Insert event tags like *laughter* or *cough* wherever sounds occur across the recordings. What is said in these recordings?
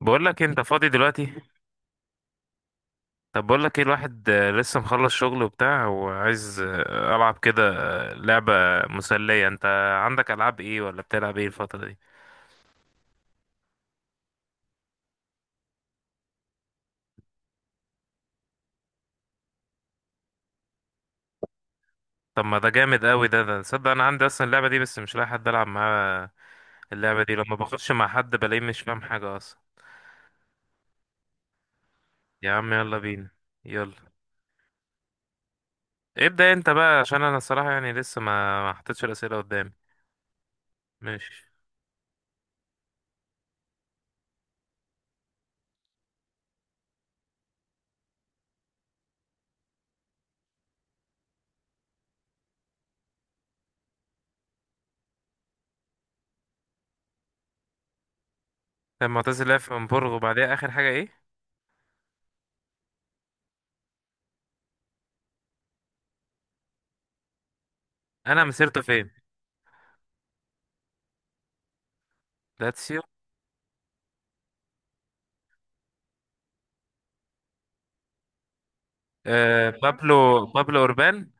بقول لك انت فاضي دلوقتي. طب بقول لك ايه الواحد، لسه مخلص شغل وبتاع وعايز، العب كده. لعبة مسلية. انت عندك العاب ايه ولا بتلعب ايه الفترة دي؟ طب ما ده جامد قوي. ده تصدق، انا عندي اصلا اللعبة دي بس مش لاقي حد العب معاه. اللعبة دي لما بخش مع حد بلاقيه مش فاهم حاجة اصلا. يا عم يلا بينا، يلا ابدأ انت بقى عشان انا الصراحة يعني لسه ما حطيتش الأسئلة قدامي. ماشي. طب معتز لعب في امبورغ وبعديها اخر حاجة ايه؟ انا مسيرته فين؟ لاتسيو. آه، بابلو بابلو أوربان.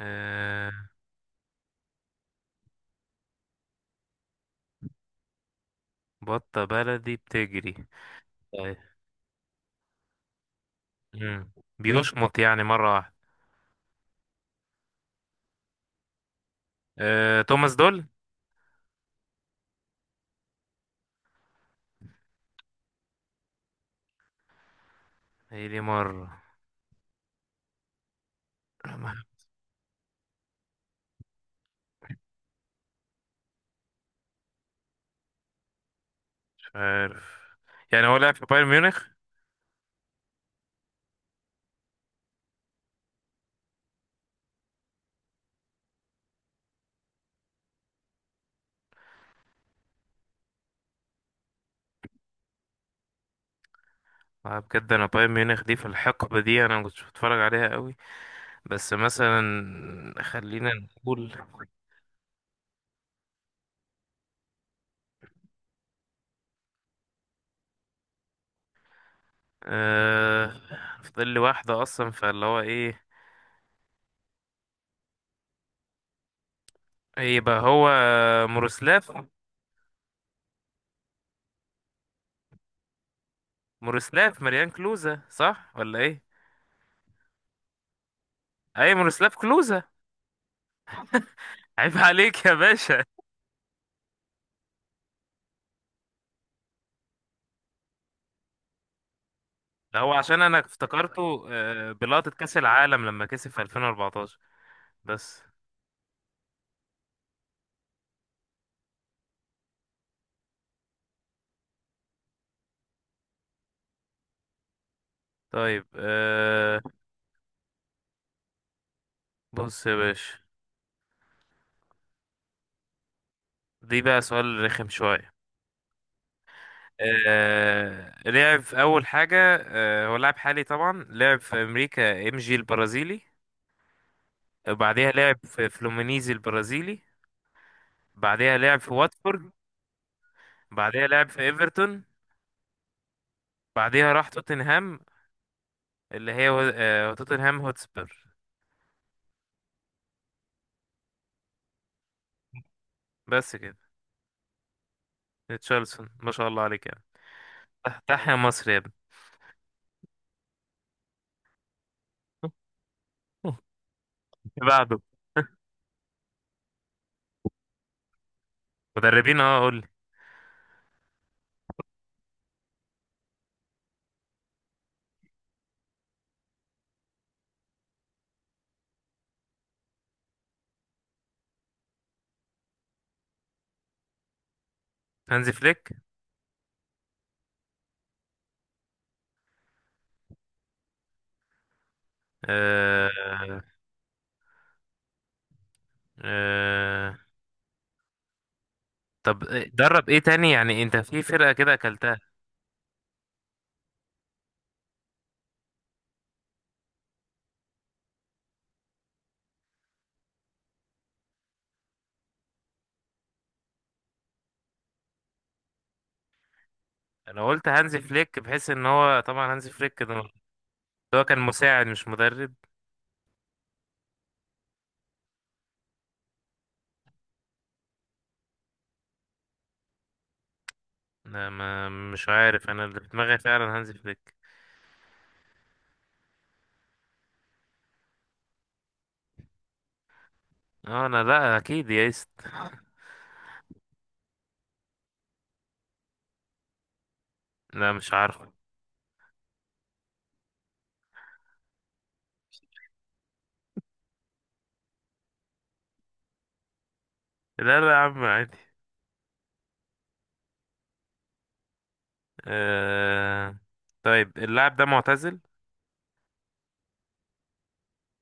آه، بطة بلدي بتجري. طيب. مم. بيشمط يعني مرة واحدة. آه، توماس دول. هي دي مرة. مش عارف. يعني هو لعب في بايرن ميونخ. آه، بجد أنا بايرن ميونخ دي في الحقبة دي أنا ما كنتش بتفرج عليها قوي. بس مثلا خلينا نقول. آه، فاضل لي واحدة أصلا فاللي هو إيه؟ إيه يبقى هو؟ مورسلاف مورسلاف مريان كلوزة صح ولا إيه؟ أي مورسلاف كلوزة. عيب عليك يا باشا. ده هو عشان انا افتكرته بلقطة كأس العالم لما كسب في 2014. بس. طيب، بص يا باشا، دي بقى سؤال رخم شوية. لعب في أول حاجة. هو لاعب حالي طبعا لعب في أمريكا ام جي البرازيلي. وبعديها لعب في فلومينيزي البرازيلي. بعديها لعب في واتفورد. بعديها لعب في ايفرتون. بعديها راح توتنهام، اللي هي توتنهام هوتسبير. بس كده. تشارلسون، ما شاء الله عليك. افتح يا مصر يا ابني. *laughs* اللي بعده مدربين، اه قول لي. هانزي فليك؟ آه. آه، طب درب ايه تاني يعني انت في فرقة كده اكلتها. لو قلت هانزي فليك بحيث ان هو طبعا هانزي فليك ده، ده هو كان مساعد مش مدرب. لا ما مش عارف، انا اللي في دماغي فعلا هانزي فليك. اه انا لا اكيد يا ايست. لا مش عارفه. لا لا يا عم عادي. آه، طيب اللاعب ده معتزل.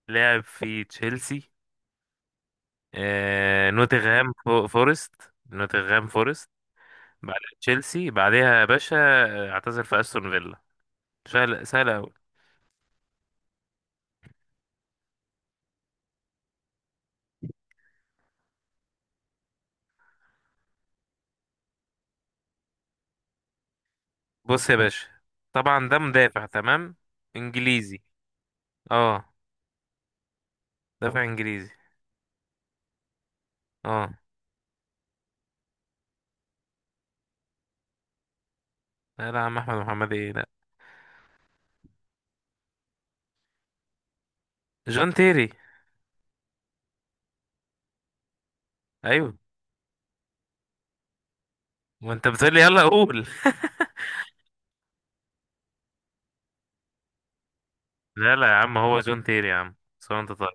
لعب في تشيلسي، نوتنغهام فورست. نوتنغهام فورست. بعد تشيلسي بعدها يا باشا اعتزل في استون فيلا. سهل سهل أوي. بص يا باشا، طبعا ده مدافع تمام. انجليزي. اه. دافع انجليزي. اه. لا لا يا عم احمد محمد ايه لا. جون تيري. ايوه. ما انت بتقول لي يلا قول. *laughs* لا لا يا عم هو جون تيري يا عم، سواء انت، طيب.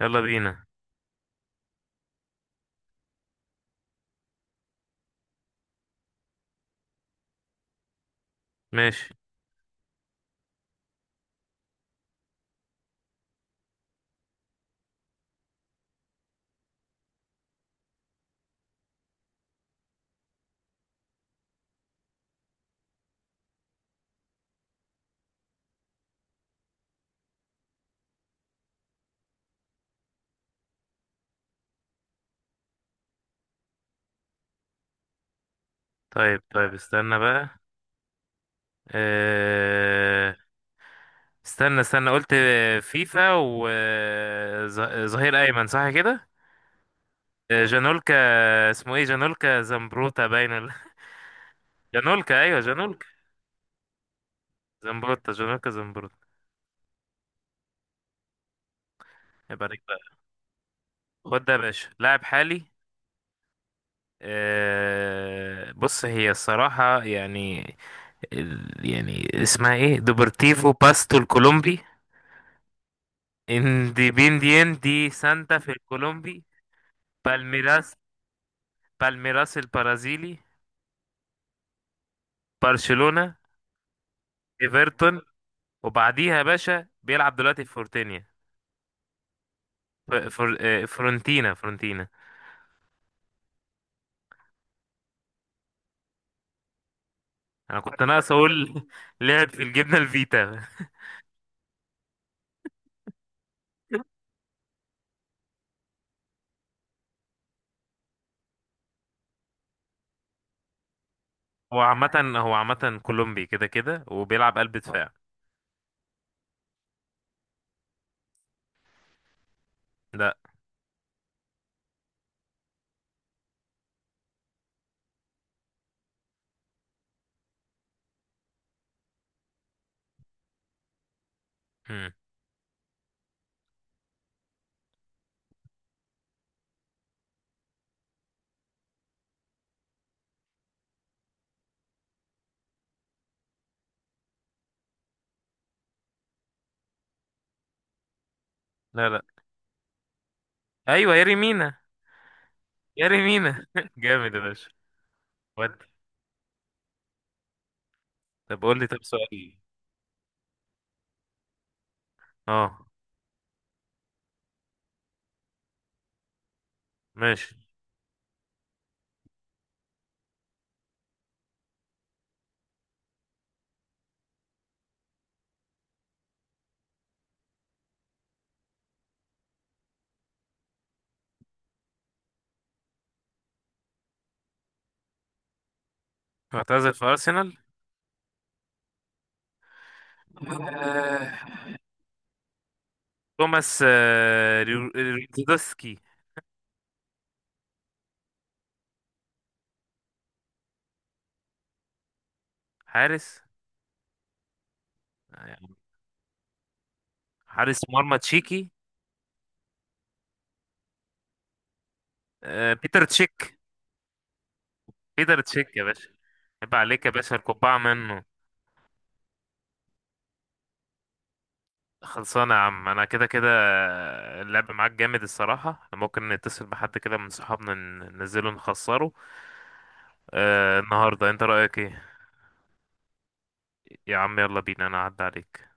يلا بينا. ماشي. طيب طيب استنى بقى. آه... استنى استنى قلت فيفا وظهير ايمن صح كده؟ جانولكا. اسمه ايه جانولكا زمبروتا باين *laughs* جانولكا ايوه جانولكا زمبروتا. جانولكا زمبروتا. يبقى عليك بقى. خد ده يا باشا لاعب حالي. بص هي الصراحة يعني يعني اسمها ايه دوبرتيفو باستو الكولومبي. انديبينديان دي سانتا في الكولومبي. بالميراس. بالميراس البرازيلي. برشلونة. ايفرتون. وبعديها يا باشا بيلعب دلوقتي في فورتينيا. ف- فر... آه، فرونتينا. انا كنت ناقص اقول *laughs* لعب في الجبنه الفيتا. هو عامه كولومبي كده كده وبيلعب قلب دفاع. لا. مم. لا لا، ايوه ياري مينا. ياري مينا *laughs* جامد يا باشا. ودي. طب قول لي طب سؤال. اه. ماشي. اعتزل في ارسنال. آه. توماس ريزدوسكي. حارس. يعني. حارس مرمى تشيكي. بيتر تشيك. فيدر تشيك يا باشا. عيب عليك يا باشا، القبعة منه. خلصانة يا عم أنا كده كده. اللعب معاك جامد الصراحة. ممكن نتصل بحد كده من صحابنا ننزله نخسره النهاردة. أنت رأيك إيه؟ يا عم يلا بينا أنا أعدي عليك.